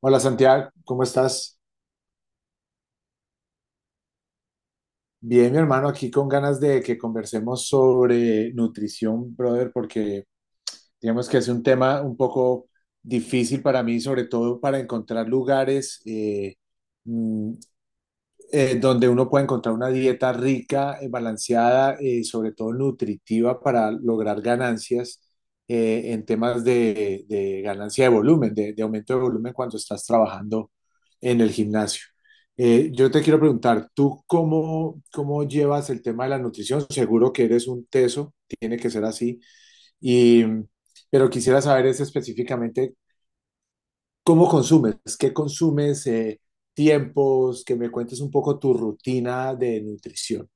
Hola Santiago, ¿cómo estás? Bien, mi hermano, aquí con ganas de que conversemos sobre nutrición, brother, porque digamos que es un tema un poco difícil para mí, sobre todo para encontrar lugares mm, donde uno puede encontrar una dieta rica, balanceada, sobre todo nutritiva para lograr ganancias en temas de ganancia de volumen, de aumento de volumen cuando estás trabajando en el gimnasio. Yo te quiero preguntar, ¿tú cómo llevas el tema de la nutrición? Seguro que eres un teso, tiene que ser así, y, pero quisiera saber es específicamente, ¿cómo consumes? ¿Qué consumes? Tiempos, que me cuentes un poco tu rutina de nutrición.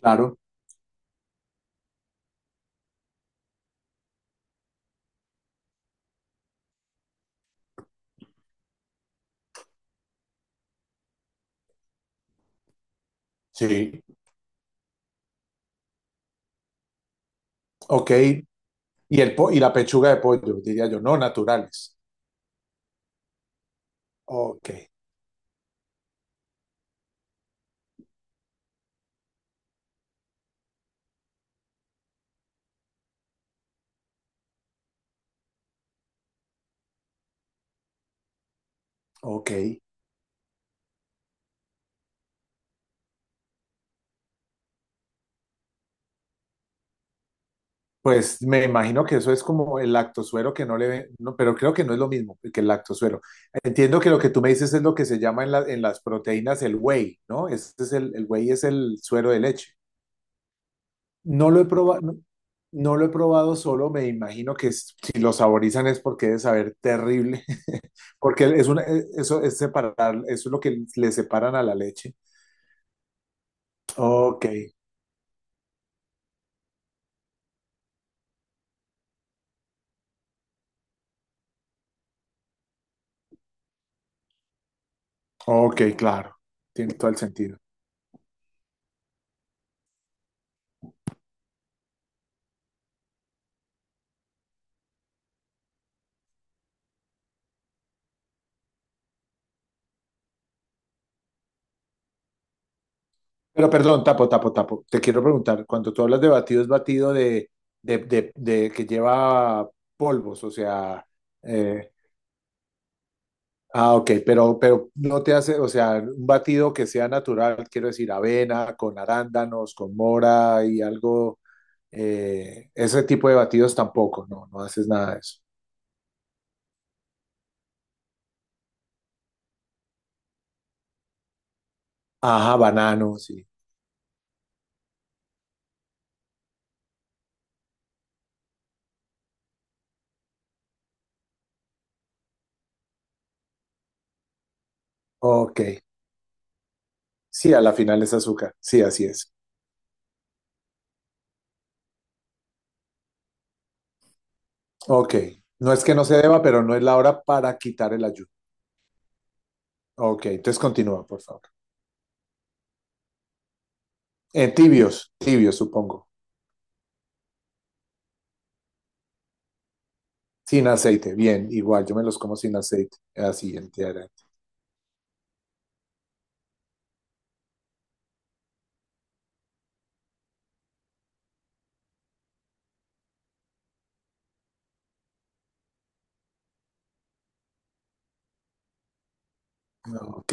Claro, sí, ok. Y, y la pechuga de pollo, diría yo, no naturales. Ok, ok. Pues me imagino que eso es como el lactosuero que no le ven, no, pero creo que no es lo mismo que el lactosuero. Entiendo que lo que tú me dices es lo que se llama en las proteínas el whey, ¿no? Este es el whey es el suero de leche. No lo he probado, no, no lo he probado solo, me imagino que es, si lo saborizan es porque debe saber terrible, porque es una, e, eso es separar, eso es lo que le separan a la leche. Ok, ok, claro, tiene todo el sentido. Pero perdón, tapo, tapo, tapo, te quiero preguntar, cuando tú hablas de batido, ¿es batido de que lleva polvos, o sea, eh, ah, ok, pero no te hace, o sea, un batido que sea natural, quiero decir, avena, con arándanos, con mora y algo, ese tipo de batidos tampoco, no, no haces nada de eso. Ajá, banano, sí. Ok, sí, a la final es azúcar, sí, así es. Ok, no es que no se deba, pero no es la hora para quitar el ayuno. Ok, entonces continúa, por favor. Tibios, tibios, supongo. Sin aceite, bien, igual, yo me los como sin aceite, así entera. Ok,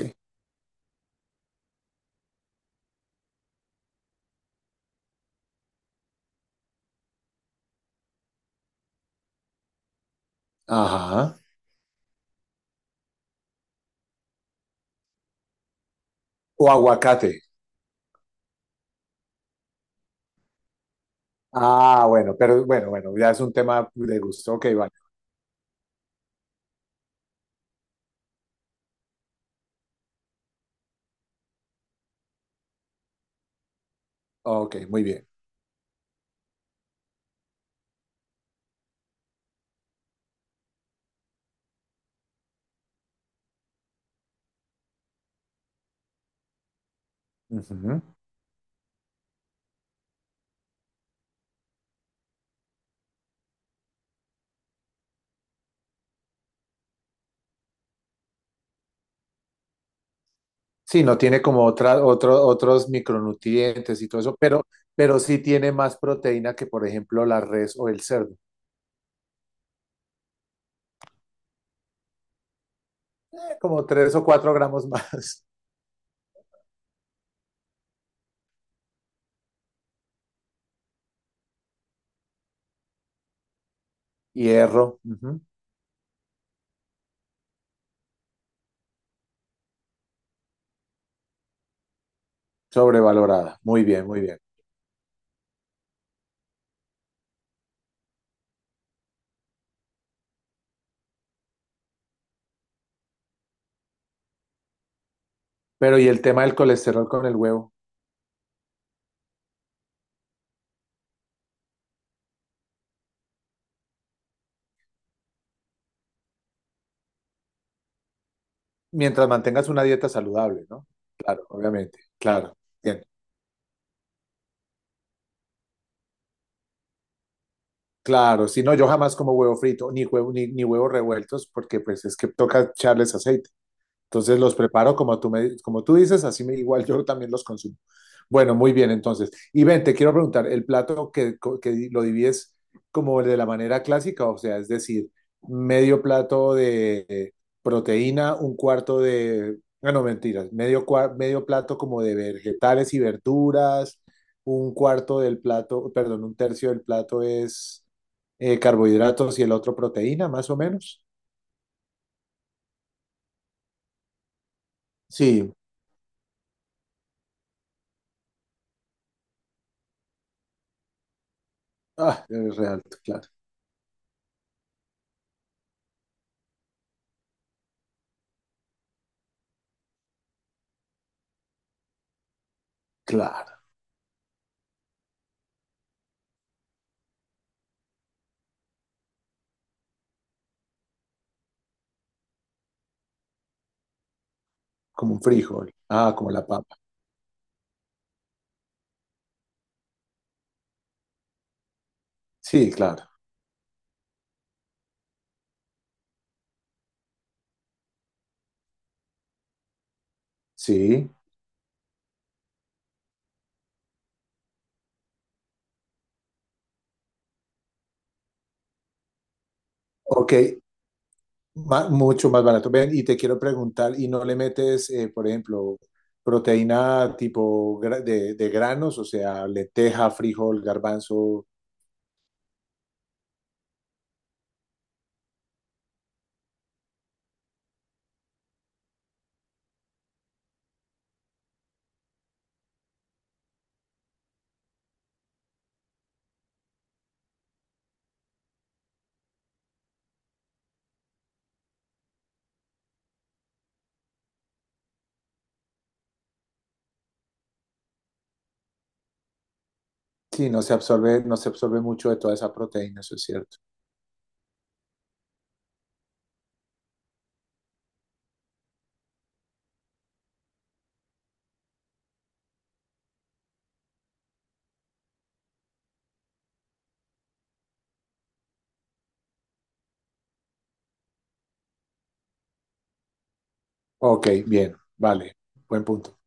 ajá. O aguacate. Ah, bueno, pero bueno, bueno, ya es un tema de gusto. Ok, vale. Ok, muy bien. Ujú. Sí, no tiene como otra, otro- otros micronutrientes y todo eso, pero sí tiene más proteína que, por ejemplo, la res o el cerdo. Como tres o cuatro gramos más. Hierro, ujú. Sobrevalorada. Muy bien, muy bien. Pero, ¿y el tema del colesterol con el huevo? Mientras mantengas una dieta saludable, ¿no? Claro, obviamente. Claro. Bien. Claro, si no, yo jamás como huevo frito, ni huevo, ni, ni huevos revueltos, porque pues es que toca echarles aceite. Entonces los preparo como tú, me, como tú dices, así me, igual yo también los consumo. Bueno, muy bien, entonces. Y ven, te quiero preguntar, ¿el plato que lo divides como de la manera clásica? O sea, es decir, medio plato de proteína, un cuarto de... Ah, no, mentiras, medio, cua- medio plato como de vegetales y verduras, un cuarto del plato, perdón, un tercio del plato es carbohidratos y el otro proteína, más o menos. Sí, ah, es real, claro, claro. Como un frijol. Ah, como la papa. Sí, claro. Sí. Ok, ma- mucho más barato. Ven, y te quiero preguntar, ¿y no le metes, por ejemplo, proteína tipo gra- de granos, o sea, lenteja, frijol, garbanzo? Sí, no se absorbe, no se absorbe mucho de toda esa proteína, eso es cierto. Ok, bien, vale, buen punto.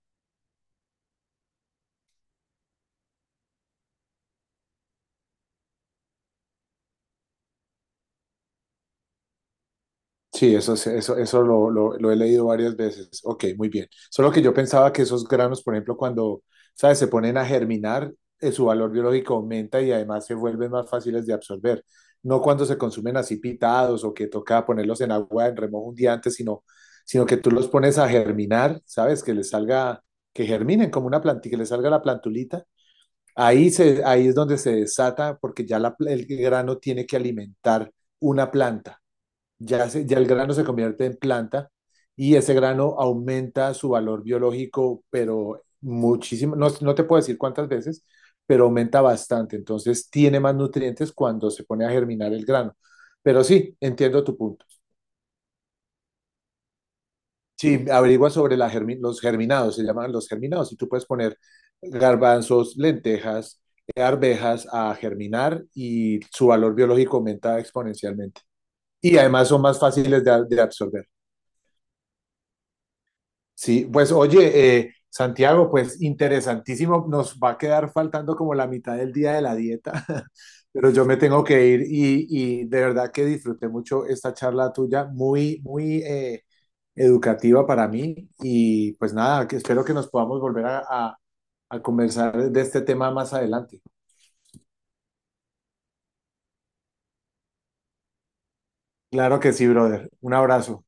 Sí, eso, es- eso lo he leído varias veces. Ok, muy bien. Solo que yo pensaba que esos granos, por ejemplo, cuando, ¿sabes? Se ponen a germinar, su valor biológico aumenta y además se vuelven más fáciles de absorber. No cuando se consumen así pitados o que toca ponerlos en agua en remojo un día antes, sino, sino que tú los pones a germinar, ¿sabes? Que les salga, que germinen como una plantita, que les salga la plantulita. Ahí, se, ahí es donde se desata porque ya la pla- el grano tiene que alimentar una planta ya, se- ya el grano se convierte en planta y ese grano aumenta su valor biológico, pero muchísimo, no, no te puedo decir cuántas veces, pero aumenta bastante. Entonces tiene más nutrientes cuando se pone a germinar el grano. Pero sí, entiendo tu punto. Sí, averigua sobre la germi- los germinados, se llaman los germinados, y tú puedes poner garbanzos, lentejas, arvejas a germinar y su valor biológico aumenta exponencialmente. Y además son más fáciles de absorber. Sí, pues oye, Santiago, pues interesantísimo. Nos va a quedar faltando como la mitad del día de la dieta, pero yo me tengo que ir y de verdad que disfruté mucho esta charla tuya, muy, muy educativa para mí. Y pues nada, que espero que nos podamos volver a conversar de este tema más adelante. Claro que sí, brother. Un abrazo.